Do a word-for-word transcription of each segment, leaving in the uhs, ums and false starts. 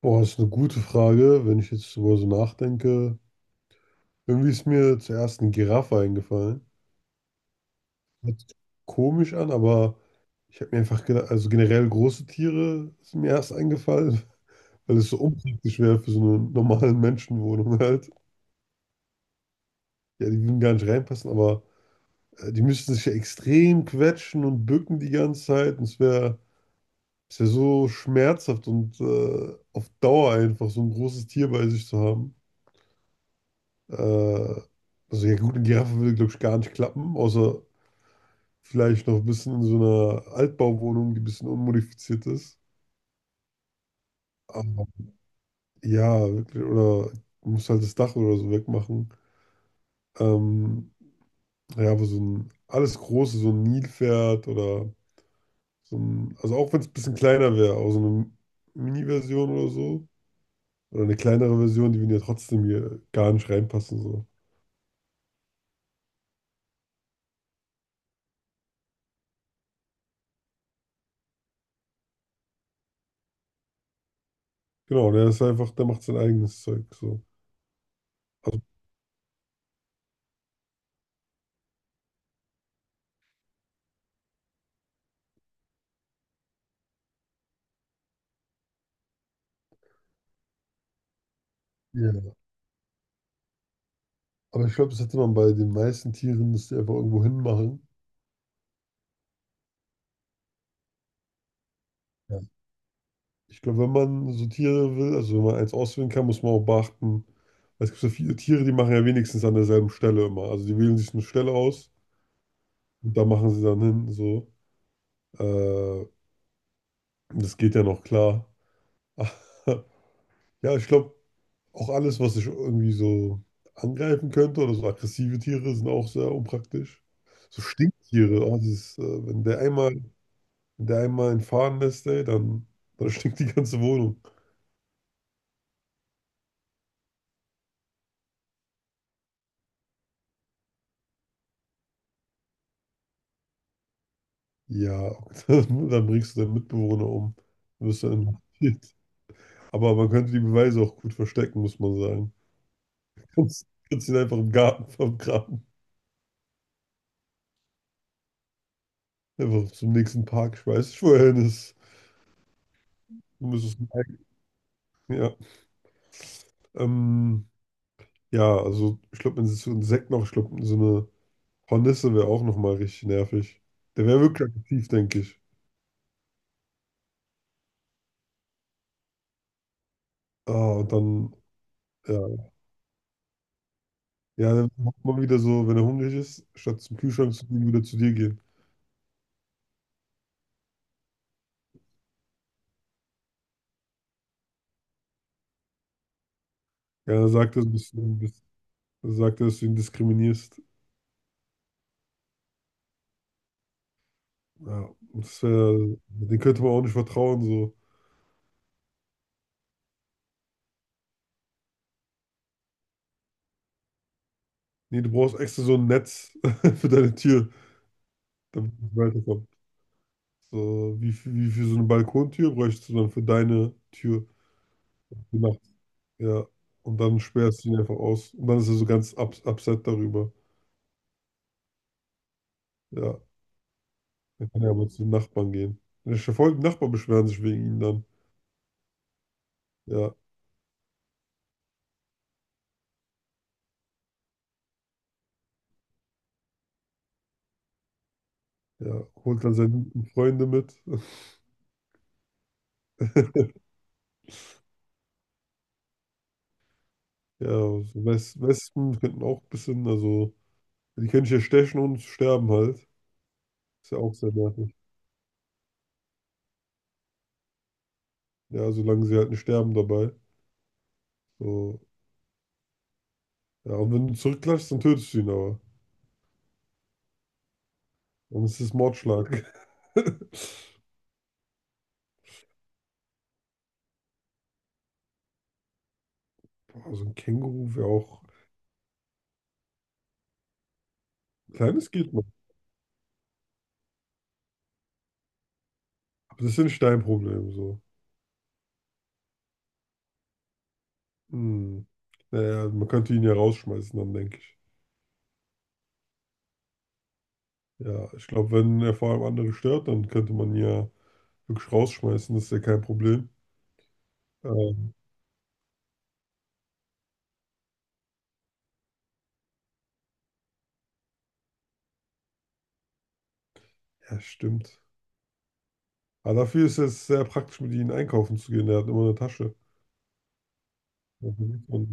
Boah, ist eine gute Frage, wenn ich jetzt darüber so nachdenke. Irgendwie ist mir zuerst eine Giraffe eingefallen. Hört sich komisch an, aber ich habe mir einfach gedacht, also generell große Tiere sind mir erst eingefallen, weil es so unpraktisch wäre für so eine normale Menschenwohnung halt. Ja, die würden gar nicht reinpassen, aber äh, die müssten sich ja extrem quetschen und bücken die ganze Zeit. Und es wäre es wär so schmerzhaft und äh, auf Dauer einfach so ein großes Tier bei sich zu haben. Äh, also ja gut, eine Giraffe würde, glaube ich, gar nicht klappen, außer vielleicht noch ein bisschen in so einer Altbauwohnung, die ein bisschen unmodifiziert ist. Aber ja, wirklich, oder du musst halt das Dach oder so wegmachen. Ähm, ja, aber so ein alles Große, so ein Nilpferd oder so ein, also auch wenn es ein bisschen kleiner wäre, auch so eine Mini-Version oder so. Oder eine kleinere Version, die würden ja trotzdem hier gar nicht reinpassen. So. Genau, der ist einfach, der macht sein eigenes Zeug. So. Also, ja. Aber ich glaube, das hätte man bei den meisten Tieren, dass die einfach irgendwo hinmachen. Ja. Ich glaube, wenn man so Tiere will, also wenn man eins auswählen kann, muss man auch beachten, weil es gibt so viele Tiere, die machen ja wenigstens an derselben Stelle immer. Also die wählen sich eine Stelle aus und da machen sie dann hin, so. Äh, Das geht ja noch klar. Ja, ich glaube, auch alles, was sich irgendwie so angreifen könnte oder so aggressive Tiere, sind auch sehr unpraktisch. So Stinktiere, oh, dieses, äh, wenn der einmal wenn der einmal entfahren Faden lässt, ey, dann, dann stinkt die ganze Wohnung. Ja, dann bringst du deinen Mitbewohner um. Dann wirst du inhaftiert. Aber man könnte die Beweise auch gut verstecken, muss man sagen. Du kannst, kannst ihn einfach im Garten vergraben. Einfach zum nächsten Park schmeißen. Ich wohin ist. Du müsstest merken, ja. Ähm, ja, also ich glaube, wenn sie so Insekten noch schlucken, so eine Hornisse wäre auch nochmal richtig nervig. Der wäre wirklich aktiv, denke ich. Ah, und dann. Ja. Ja, dann macht man wieder so, wenn er hungrig ist, statt zum Kühlschrank zu gehen, wieder zu dir gehen. Ja, dann sagt er, dass du, dass- dann sagt er, dass du ihn diskriminierst. Ja, und das wäre, den könnte man auch nicht vertrauen, so. Nee, du brauchst extra so ein Netz für deine Tür, damit es weiterkommt. So, wie, für- wie für so eine Balkontür bräuchst du dann für deine Tür die Nacht. Ja, und dann sperrst du ihn einfach aus. Und dann ist er so ganz ups upset darüber. Ja, dann kann er aber zu den Nachbarn gehen. Der Nachbarn beschweren sich wegen ihm dann. Ja. Ja, holt dann seine guten Freunde mit. Ja, so Wes- Wespen könnten auch ein bisschen, also, die können sich ja stechen und sterben halt. Ist ja auch sehr nervig. Ja, solange sie halt nicht sterben dabei. So, ja, und wenn du zurückklatschst, dann tötest du ihn aber. Dann ist es Mordschlag. Boah, so ein Känguru wäre auch. Kleines geht noch. Aber das ist ja nicht dein Problem, so. Hm. Naja, man könnte ihn ja rausschmeißen, dann denke ich. Ja, ich glaube, wenn er vor allem andere stört, dann könnte man ihn ja wirklich rausschmeißen, das ist ja kein Problem. Ähm, Ja, stimmt. Aber dafür ist es sehr praktisch, mit ihnen einkaufen zu gehen. Er hat immer eine Tasche. Das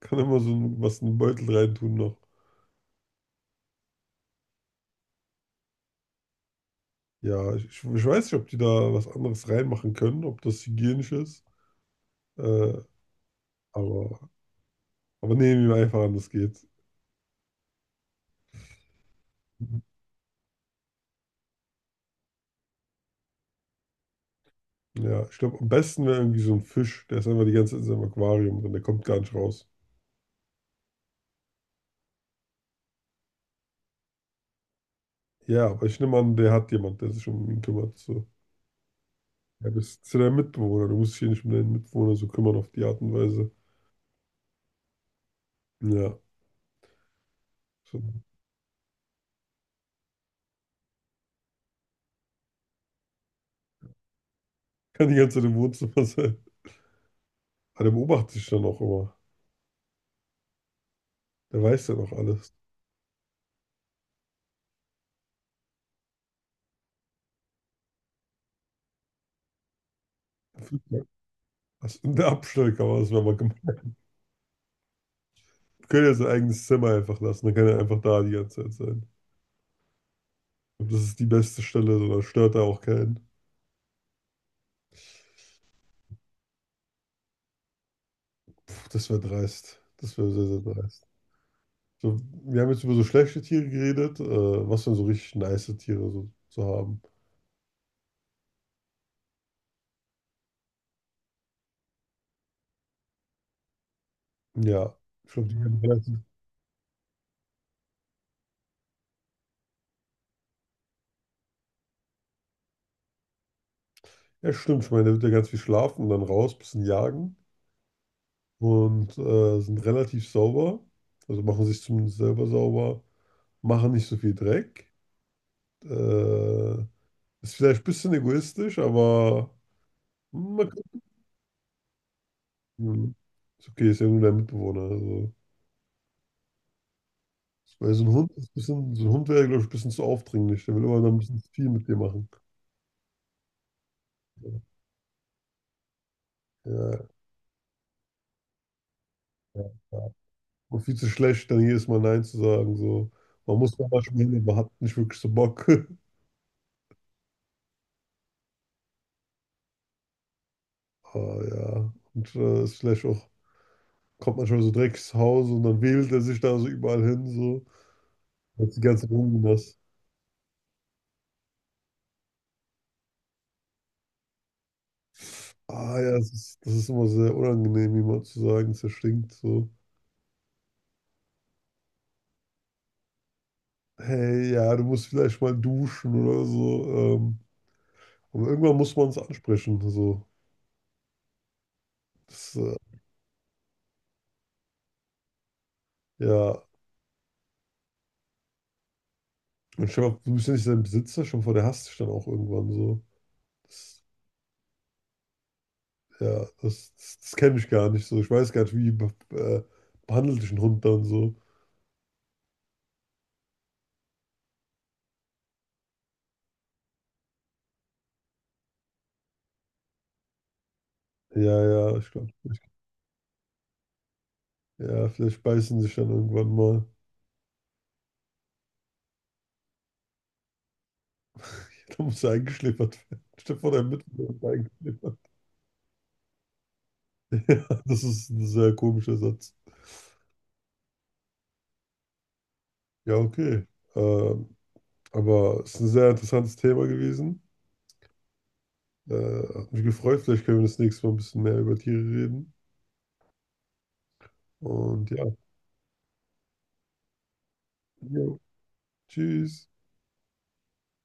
Kann immer so ein- was in den Beutel reintun noch. Ja, ich, ich weiß nicht, ob die da was anderes reinmachen können, ob das hygienisch ist. Äh, aber, aber nehmen wir einfach an, das geht. Mhm. Ja, ich glaube, am besten wäre irgendwie so ein Fisch. Der ist einfach die ganze Zeit in seinem Aquarium drin. Der kommt gar nicht raus. Ja, aber ich nehme an, der hat jemand, der sich um ihn kümmert. So. Ja, bist du dein Mitbewohner. Du musst dich hier nicht um deinen Mitbewohner so kümmern auf die Art und Weise. Ja. So. Kann die ganze Zeit im Wohnzimmer sein. Aber der beobachtet dich dann auch immer. Der weiß ja noch alles. Was in der Abstellkammer das wäre mal gemeint. Wir können ja sein eigenes Zimmer einfach lassen. Dann kann er einfach da die ganze Zeit sein. Und das ist die beste Stelle, so, da stört er auch keinen. Puh, das wäre dreist. Das wäre sehr, sehr dreist. So, wir haben jetzt über so schlechte Tiere geredet. Äh, was denn so richtig nice Tiere so zu haben. Ja, ich glaube, die werden relativ. Ja, stimmt. Ich meine, der wird ja ganz viel schlafen und dann raus, bisschen jagen. Und äh, sind relativ sauber, also machen sich zumindest selber sauber, machen nicht so viel Dreck. Äh, Ist vielleicht ein bisschen egoistisch, aber man kann, hm. Ist okay, ist ja nur der Mitbewohner. Also. Weil so ein Hund ist ein bisschen, so ein Hund wäre, glaube ich, ein bisschen zu aufdringlich. Der will immer noch ein bisschen zu viel mit dir machen. Ja, ja, ja. Und viel zu schlecht, dann jedes Mal Nein zu sagen. So. Man muss da manchmal hin, aber hat nicht wirklich so Bock. Ah, ja. Und äh, ist vielleicht auch kommt manchmal so direkt ins Haus und dann wählt er sich da so überall hin, so. Und die ganze Wohnung das. Ah ja, das ist, das ist immer sehr unangenehm, jemand zu sagen, es stinkt so. Hey, ja, du musst vielleicht mal duschen oder so. Ähm, aber irgendwann muss man es ansprechen, so. Das, äh, ja. Und stell dir mal, du bist ja nicht sein Besitzer, schon vor, der hasst dich dann auch irgendwann so. Das, ja, das, das, das kenne ich gar nicht so. Ich weiß gar nicht, wie be- äh, behandelt dich ein Hund dann so. Ja, ja, ich glaube, ja, vielleicht beißen sich dann irgendwann mal. Da muss er eingeschläfert werden. Stefan, der Mittelmeer ist eingeschläfert. Ja, das ist ein sehr komischer Satz. Ja, okay. Ähm, aber es ist ein sehr interessantes Thema gewesen. Äh, hat mich gefreut. Vielleicht können wir das nächste Mal ein bisschen mehr über Tiere reden. Und ja, ja. Tschüss.